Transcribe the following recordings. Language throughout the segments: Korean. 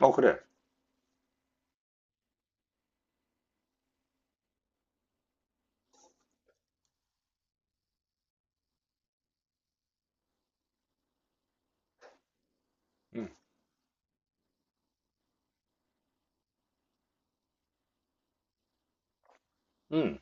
어, 그래. 음, 음.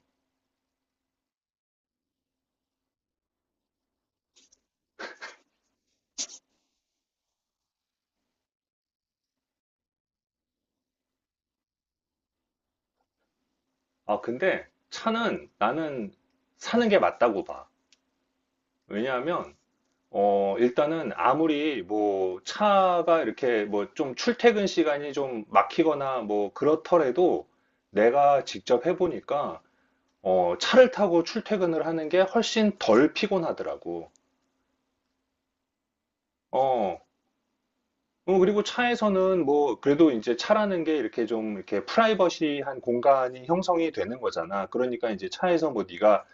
아, 근데 차는 나는 사는 게 맞다고 봐. 왜냐하면, 일단은 아무리 뭐 차가 이렇게 뭐 좀 출퇴근 시간이 좀 막히거나 뭐 그렇더라도 내가 직접 해보니까, 차를 타고 출퇴근을 하는 게 훨씬 덜 피곤하더라고. 어, 그리고 차에서는 뭐 그래도 이제 차라는 게 이렇게 좀 이렇게 프라이버시한 공간이 형성이 되는 거잖아. 그러니까 이제 차에서 뭐 네가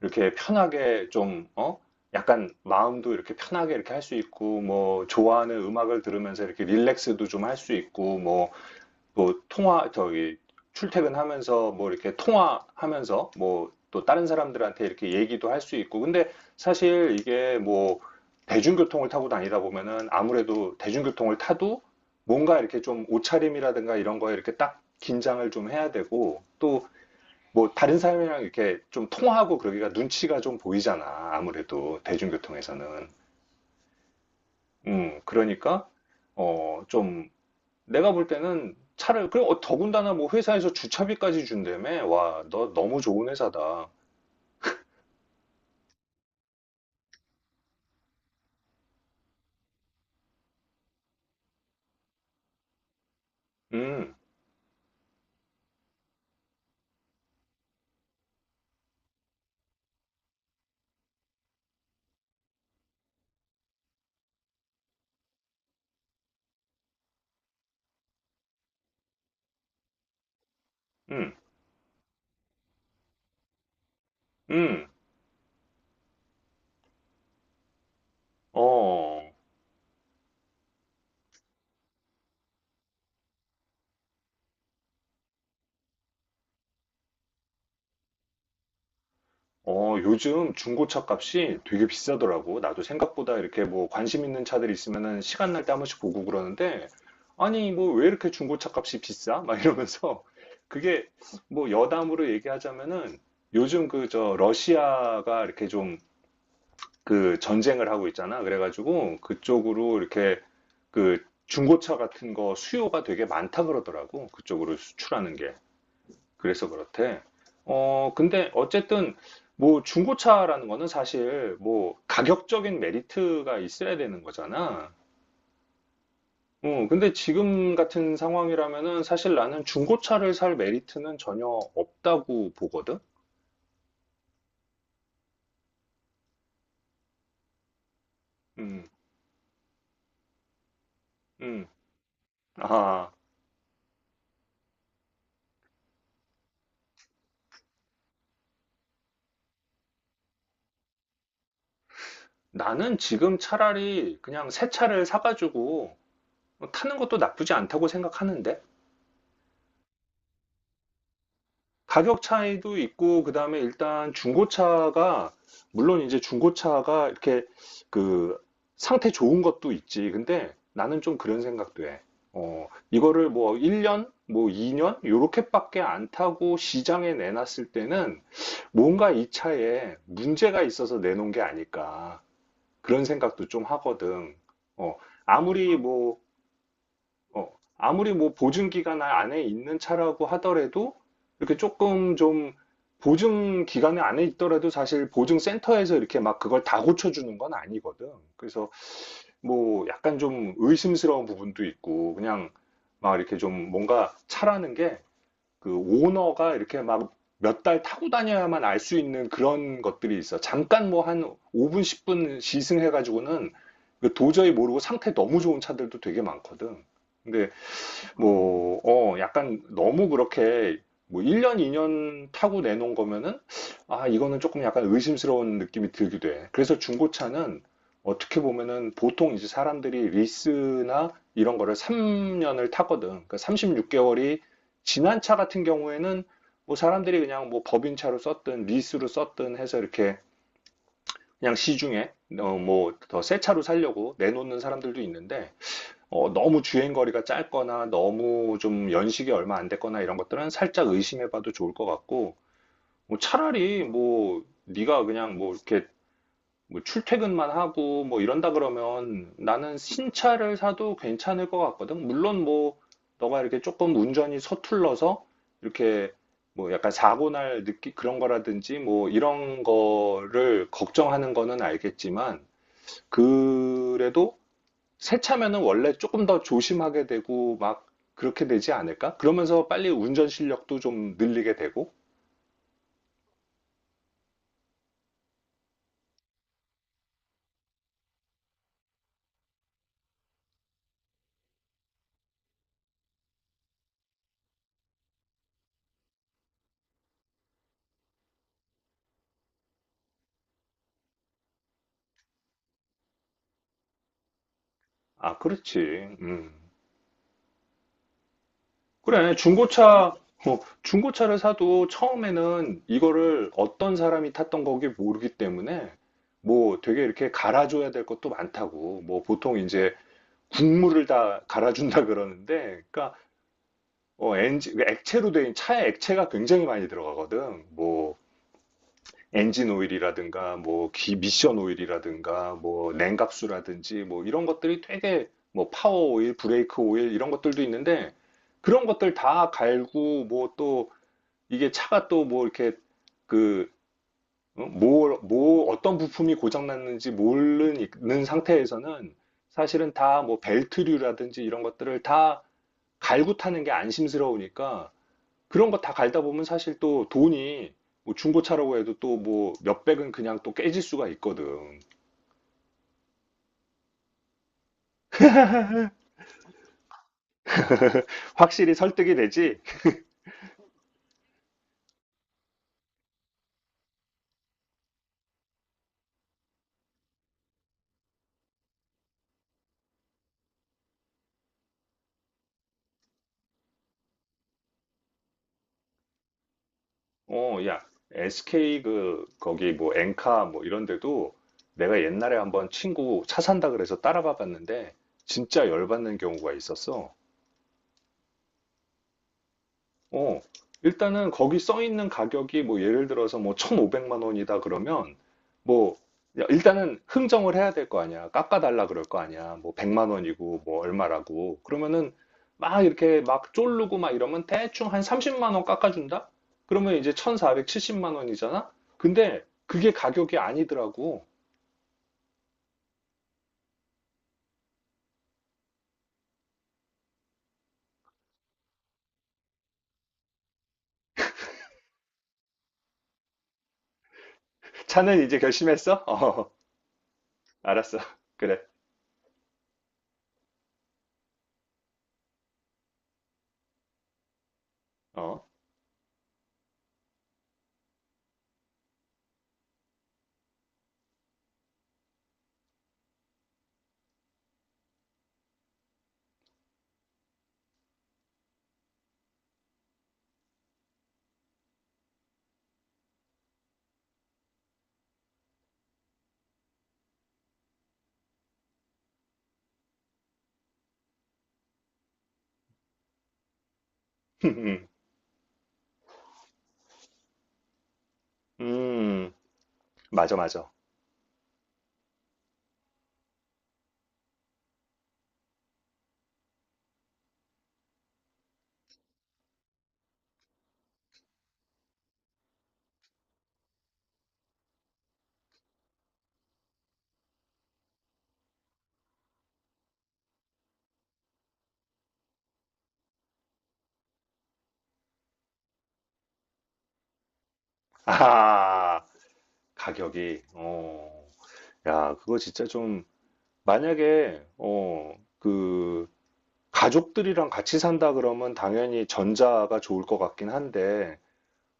이렇게 편하게 좀, 어? 약간 마음도 이렇게 편하게 이렇게 할 수 있고, 뭐, 좋아하는 음악을 들으면서 이렇게 릴렉스도 좀 할 수 있고, 뭐, 또 통화, 저기, 출퇴근하면서 뭐 이렇게 통화하면서 뭐 또 다른 사람들한테 이렇게 얘기도 할 수 있고. 근데 사실 이게 뭐 대중교통을 타고 다니다 보면은 아무래도 대중교통을 타도 뭔가 이렇게 좀 옷차림이라든가 이런 거에 이렇게 딱 긴장을 좀 해야 되고, 또 뭐 다른 사람이랑 이렇게 좀 통화하고 그러기가 눈치가 좀 보이잖아. 아무래도 대중교통에서는. 그러니까 좀 내가 볼 때는 차를 그리고 더군다나 뭐 회사에서 주차비까지 준다며. 와, 너 너무 좋은 회사다. 음, 음, 음. 어. 요즘 중고차 값이 되게 비싸더라고. 나도 생각보다 이렇게 뭐 관심 있는 차들이 있으면은 시간 날 때 한 번씩 보고 그러는데, 아니, 뭐 왜 이렇게 중고차 값이 비싸? 막 이러면서, 그게 뭐 여담으로 얘기하자면은 요즘 그 저 러시아가 이렇게 좀 그 전쟁을 하고 있잖아. 그래가지고 그쪽으로 이렇게 그 중고차 같은 거 수요가 되게 많다 그러더라고. 그쪽으로 수출하는 게. 그래서 그렇대. 근데 어쨌든 뭐 중고차라는 거는 사실 뭐 가격적인 메리트가 있어야 되는 거잖아. 근데 지금 같은 상황이라면은 사실 나는 중고차를 살 메리트는 전혀 없다고 보거든. 음, 음. 아, 나는 지금 차라리 그냥 새 차를 사가지고 타는 것도 나쁘지 않다고 생각하는데. 가격 차이도 있고, 그 다음에 일단 중고차가, 물론 이제 중고차가 이렇게 그 상태 좋은 것도 있지. 근데 나는 좀 그런 생각도 해. 이거를 뭐 1년, 뭐 2년, 요렇게밖에 안 타고 시장에 내놨을 때는 뭔가 이 차에 문제가 있어서 내놓은 게 아닐까. 그런 생각도 좀 하거든. 어, 아무리 뭐 어, 아무리 뭐 보증 기간 안에 있는 차라고 하더라도 이렇게 조금 좀 보증 기간 에 안에 있더라도 사실 보증센터에서 이렇게 막 그걸 다 고쳐주는 건 아니거든. 그래서 뭐 약간 좀 의심스러운 부분도 있고 그냥 막 이렇게 좀 뭔가 차라는 게 그 오너가 이렇게 막 몇 달 타고 다녀야만 알 수 있는 그런 것들이 있어. 잠깐 뭐 한 5분, 10분 시승해가지고는 그 도저히 모르고 상태 너무 좋은 차들도 되게 많거든. 근데 뭐, 약간 너무 그렇게 뭐 1년, 2년 타고 내놓은 거면은 아, 이거는 조금 약간 의심스러운 느낌이 들기도 해. 그래서 중고차는 어떻게 보면은 보통 이제 사람들이 리스나 이런 거를 3년을 타거든. 그러니까 36개월이 지난 차 같은 경우에는 뭐 사람들이 그냥 뭐 법인차로 썼든 리스로 썼든 해서 이렇게 그냥 시중에 뭐 더 새 차로 살려고 내놓는 사람들도 있는데 너무 주행거리가 짧거나 너무 좀 연식이 얼마 안 됐거나 이런 것들은 살짝 의심해봐도 좋을 것 같고 뭐 차라리 뭐 네가 그냥 뭐 이렇게 뭐 출퇴근만 하고 뭐 이런다 그러면 나는 신차를 사도 괜찮을 것 같거든. 물론 뭐 너가 이렇게 조금 운전이 서툴러서 이렇게 뭐 약간 사고 날 느끼 그런 거라든지 뭐 이런 거를 걱정하는 거는 알겠지만 그래도 새 차면은 원래 조금 더 조심하게 되고 막 그렇게 되지 않을까? 그러면서 빨리 운전 실력도 좀 늘리게 되고. 아, 그렇지. 음. 그래, 중고차, 중고차를 사도 처음에는 이거를 어떤 사람이 탔던 거기 모르기 때문에 뭐 되게 이렇게 갈아줘야 될 것도 많다고. 뭐 보통 이제 국물을 다 갈아준다 그러는데, 그러니까 엔진, 액체로 된 차에 액체가 굉장히 많이 들어가거든. 뭐 엔진 오일이라든가 뭐 미션 오일이라든가 뭐 냉각수라든지 뭐 이런 것들이 되게 뭐 파워 오일, 브레이크 오일 이런 것들도 있는데 그런 것들 다 갈고 뭐 또 이게 차가 또 뭐 이렇게 그 뭐 어떤 부품이 고장 났는지 모르는 상태에서는 사실은 다 뭐 벨트류라든지 이런 것들을 다 갈고 타는 게 안심스러우니까 그런 거 다 갈다 보면 사실 또 돈이 뭐 중고차라고 해도 또 뭐 몇백은 그냥 또 깨질 수가 있거든. 확실히 설득이 되지. 야, SK 그 거기 뭐 엔카 뭐 이런 데도 내가 옛날에 한번 친구 차 산다 그래서 따라가 봤는데 진짜 열받는 경우가 있었어. 어, 일단은 거기 써 있는 가격이 뭐 예를 들어서 뭐 1,500만 원이다 그러면 뭐 야, 일단은 흥정을 해야 될 거 아니야. 깎아달라 그럴 거 아니야. 뭐 100만 원이고 뭐 얼마라고. 그러면은 막 이렇게 막 쫄르고 막 이러면 대충 한 30만 원 깎아준다? 그러면 이제 1,470만 원이잖아? 근데 그게 가격이 아니더라고. 자는 이제 결심했어? 어, 알았어. 그래. 어. 음, 음, 맞아, 맞아. 아, 가격이, 야, 그거 진짜 좀, 만약에, 가족들이랑 같이 산다 그러면 당연히 전자가 좋을 것 같긴 한데,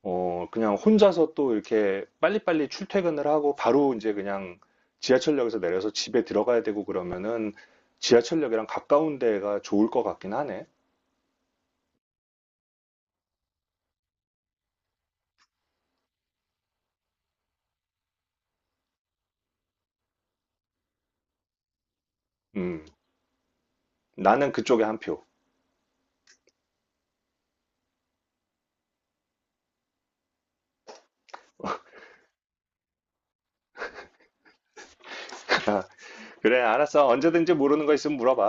그냥 혼자서 또 이렇게 빨리빨리 출퇴근을 하고 바로 이제 그냥 지하철역에서 내려서 집에 들어가야 되고 그러면은 지하철역이랑 가까운 데가 좋을 것 같긴 하네. 음, 나는 그쪽에 한 표. 그래, 알았어. 언제든지 모르는 거 있으면 물어봐.